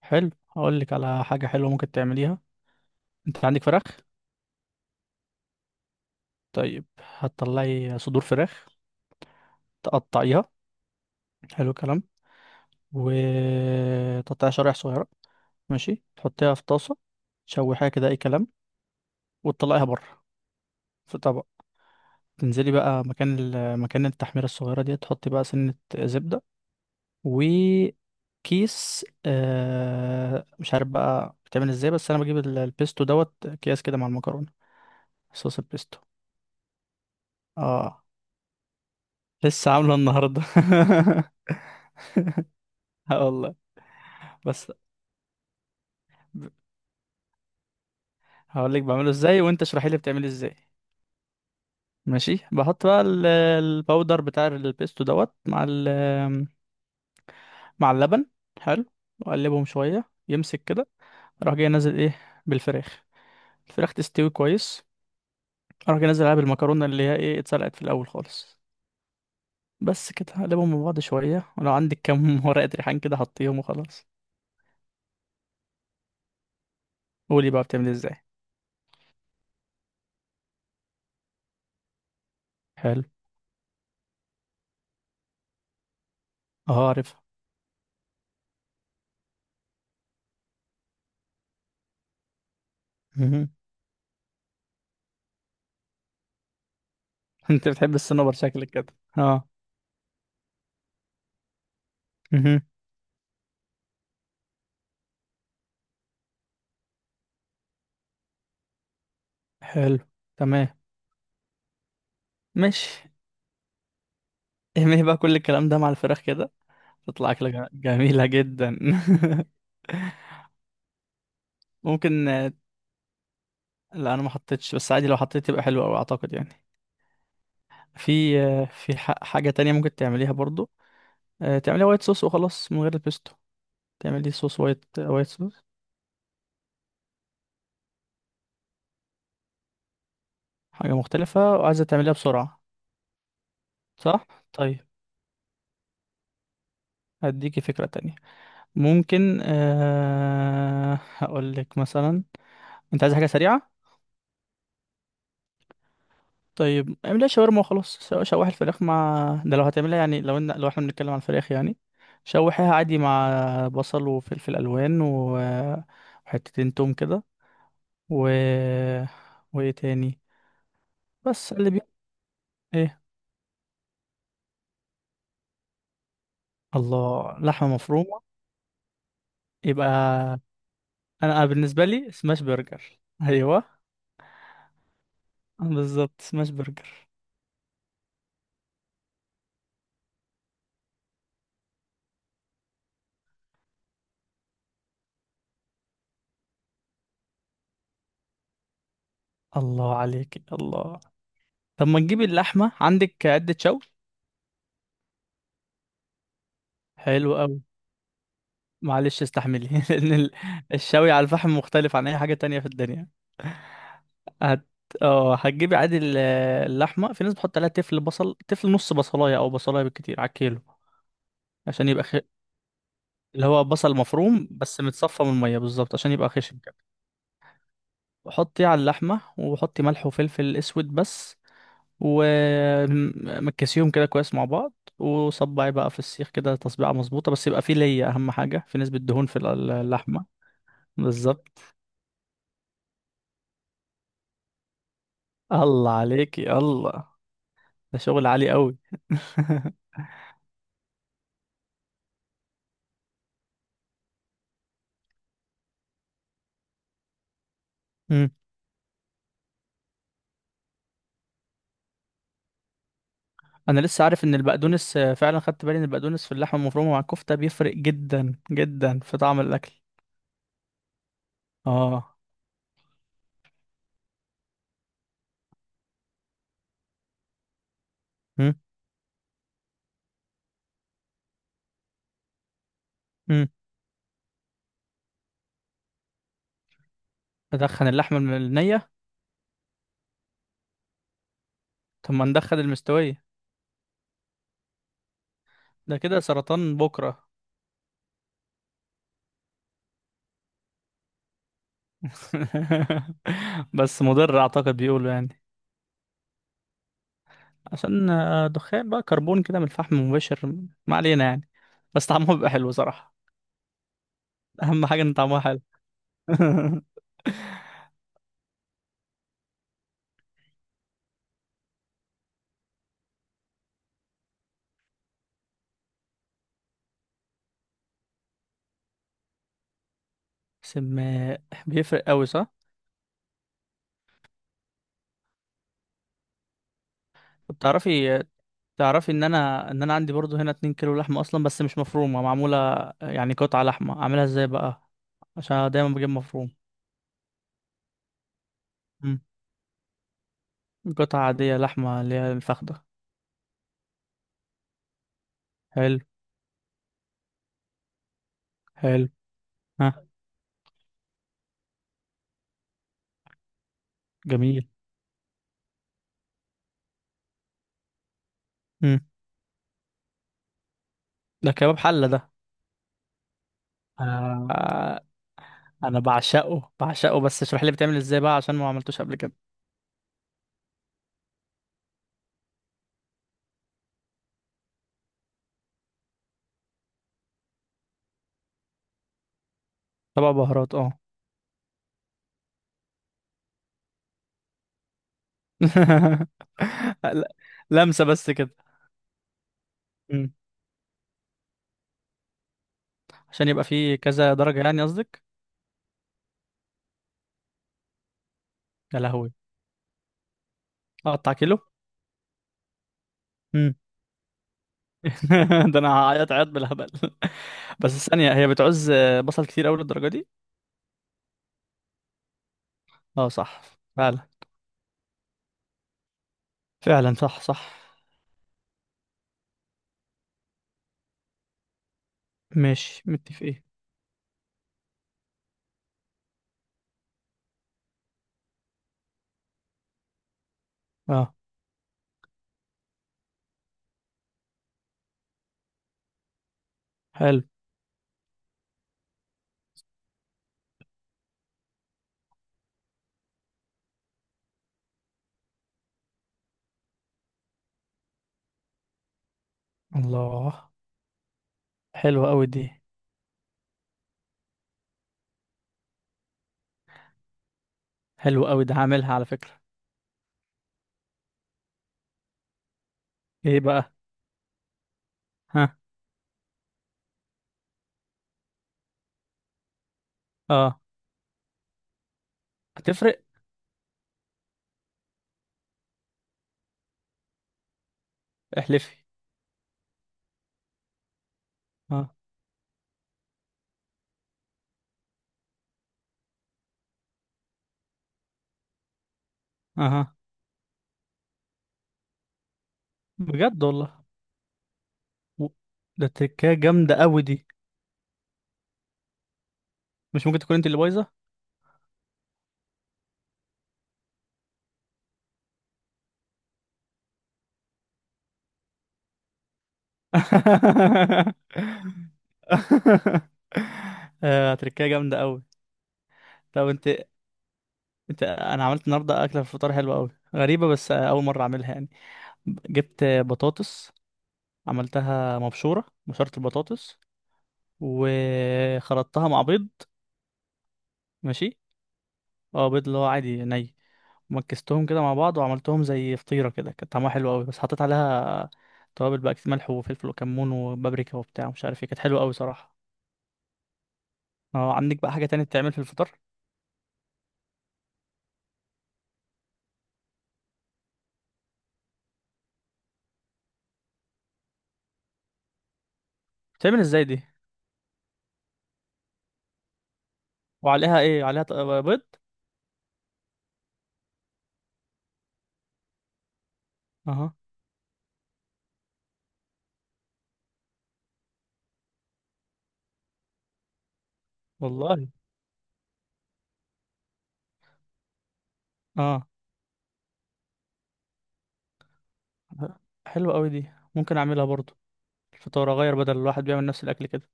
حلو، هقول لك على حاجة حلوة ممكن تعمليها. انت عندك فراخ؟ طيب، هتطلعي صدور فراخ تقطعيها. حلو الكلام. وتقطعيها شرايح صغيرة. ماشي، تحطيها في طاسة، تشوحيها كده اي كلام، وتطلعيها بره في طبق. تنزلي بقى مكان التحميرة الصغيرة دي، تحطي بقى سنة زبدة وكيس مش عارف بقى بتعمل ازاي، بس انا بجيب البيستو دوت اكياس كده مع المكرونة، صوص البيستو. اه، لسه عامله النهارده. اه والله. بس هقول لك بعمله ازاي وانت اشرحي لي بتعمله ازاي. ماشي، بحط بقى الباودر بتاع البيستو دوت مع ال مع اللبن. حلو. واقلبهم شويه يمسك كده. اروح جاي نازل ايه؟ بالفراخ. الفراخ تستوي كويس. اروح جاي نازل عليها بالمكرونه اللي هي ايه اتسلقت في الاول خالص. بس كده اقلبهم مع بعض شويه، ولو عندك كام ورقه ريحان كده حطيهم وخلاص. قولي بقى بتعمل ازاي. حلو. اه، عارفها. انت بتحب الصنوبر شكلك كده. اه. مهم. حلو. تمام. مش اهمي بقى، كل الكلام ده مع الفراخ كده تطلع اكله جميله جدا. ممكن. لا انا ما حطيتش، بس عادي لو حطيت تبقى حلوه قوي اعتقد يعني. في، في حاجه تانية ممكن تعمليها برضو. تعمليها وايت صوص وخلاص من غير البيستو. تعملي صوص وايت، وايت صوص. حاجه مختلفه وعايزه تعمليها بسرعه. صح. طيب، هديكي فكره تانية. ممكن هقول لك مثلا. انت عايز حاجه سريعه؟ طيب، اعملها شاورما وخلاص. شوح الفراخ مع ده لو هتعملها يعني، لو لو احنا بنتكلم عن الفراخ يعني. شوحيها عادي مع بصل وفلفل الوان وحتتين توم كده. و وايه تاني؟ بس اللي بي... ايه؟ الله، لحمه مفرومه؟ يبقى انا بالنسبه لي سماش برجر. ايوه، بالظبط سماش برجر. الله عليك الله. طب ما تجيب اللحمه عندك، عده شوي. حلو. معلش، استحملي. لان الشوي على الفحم مختلف عن اي حاجه تانية في الدنيا. هت اه هتجيبي عادي اللحمه. في ناس بتحط عليها تفل بصل، تفل نص بصلايه او بصلايه بالكتير على الكيلو. عشان يبقى خ... اللي هو بصل مفروم بس متصفى من الميه بالظبط عشان يبقى خشن كده. حطي على اللحمه، وحطي ملح وفلفل اسود بس، ومكسيهم كده كويس مع بعض، وصبعي بقى في السيخ كده تصبيعه مظبوطه، بس يبقى فيه ليا اهم حاجه في نسبه دهون في اللحمه. بالظبط. الله عليكي الله. ده شغل عالي قوي. مم. انا لسه عارف ان البقدونس فعلا خدت بالي ان البقدونس في اللحمه المفرومه مع الكفته بيفرق جدا جدا في طعم الاكل. اه. مم. مم. ادخن اللحمه النيه؟ طب ما ندخن المستويه. ده كده سرطان بكره. بس مضر اعتقد بيقولوا يعني. عشان دخان بقى كربون كده من الفحم المباشر. ما علينا يعني. بس طعمها بيبقى حلو صراحه. اهم حاجه ان طعمها حلو. سم. بيفرق قوي صح. طب تعرفي ان انا عندي برضو هنا 2 كيلو لحمه اصلا بس مش مفرومه معموله. يعني قطعه لحمه اعملها ازاي بقى؟ عشان أنا دايما بجيب مفروم. مم. قطعه عاديه لحمه اللي هي الفخده. حلو. حلو. ها. جميل. مم. ده كباب حله ده. آه آه، انا بعشقه بعشقه، بس اشرح لي بتعمل ازاي بقى عشان ما عملتوش قبل كده. طبق بهارات، اه. لا، لمسه بس كده. مم. عشان يبقى فيه كذا درجه يعني قصدك؟ يا لهوي، اقطع كيلو؟ ده انا هعيط عيط بالهبل. بس ثانية، هي بتعوز بصل كتير اوي للدرجة دي؟ اه صح، فعلا فعلا صح صح. ماشي متفقين. اه. حلو. الله، حلوة اوي دي. حلوة اوي، ده هعملها على فكرة. ايه بقى؟ ها. اه، هتفرق؟ احلفي. اه. اها. بجد والله. و- ده تركاية جامدة اوي دي، مش ممكن تكون انت اللي بايظة. آه، تركاية جامدة اوي. طب انت، انت انا عملت النهارده اكله في الفطار حلوه قوي، غريبه بس اول مره اعملها يعني. جبت بطاطس، عملتها مبشوره، مبشوره البطاطس، وخلطتها مع بيض. ماشي. اه، بيض اللي هو عادي ني. ومكستهم كده مع بعض وعملتهم زي فطيره كده، كانت طعمها حلو قوي، بس حطيت عليها توابل بقى كتير، ملح وفلفل وكمون وبابريكا وبتاع مش عارف ايه، كانت حلوه قوي صراحه. اه عندك بقى حاجه تانية بتتعمل في الفطار؟ بتتعمل ازاي دي؟ وعليها ايه؟ بيض؟ اها. والله. اه. حلوة قوي دي، ممكن اعملها برضو. الفطار اغير، بدل الواحد بيعمل نفس الاكل كده.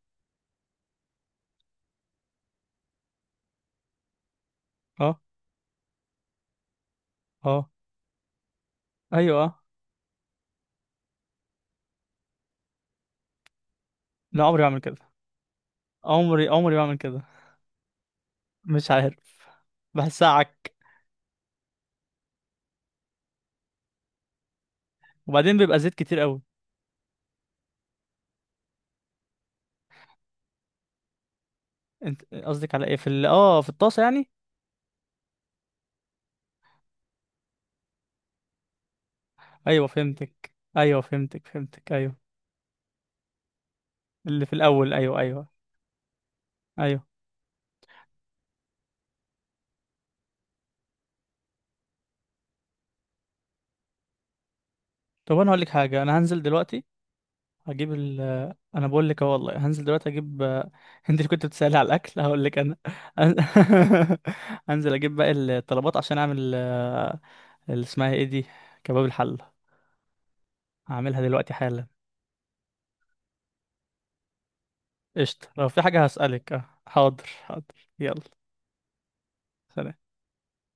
اه. اه. ايوه. اه. لا، عمري بعمل كده، عمري عمري بعمل كده. مش عارف، بحسها عك. وبعدين بيبقى زيت كتير قوي. انت قصدك على ايه؟ في اه في الطاسة يعني. ايوه فهمتك، ايوه فهمتك، فهمتك، ايوه. اللي في الاول، ايوه ايوه ايوه. طب انا هقول لك حاجة، انا هنزل دلوقتي، هجيب ال انا بقول لك اهو والله، هنزل دلوقتي اجيب انت اللي كنت بتسألي على الاكل هقول لك انا. هنزل اجيب باقي الطلبات عشان اعمل اللي اسمها ايه دي، كباب الحلة. هعملها دلوقتي حالا. قشطة، لو في حاجة هسألك. اه، حاضر حاضر، يلا. سلام.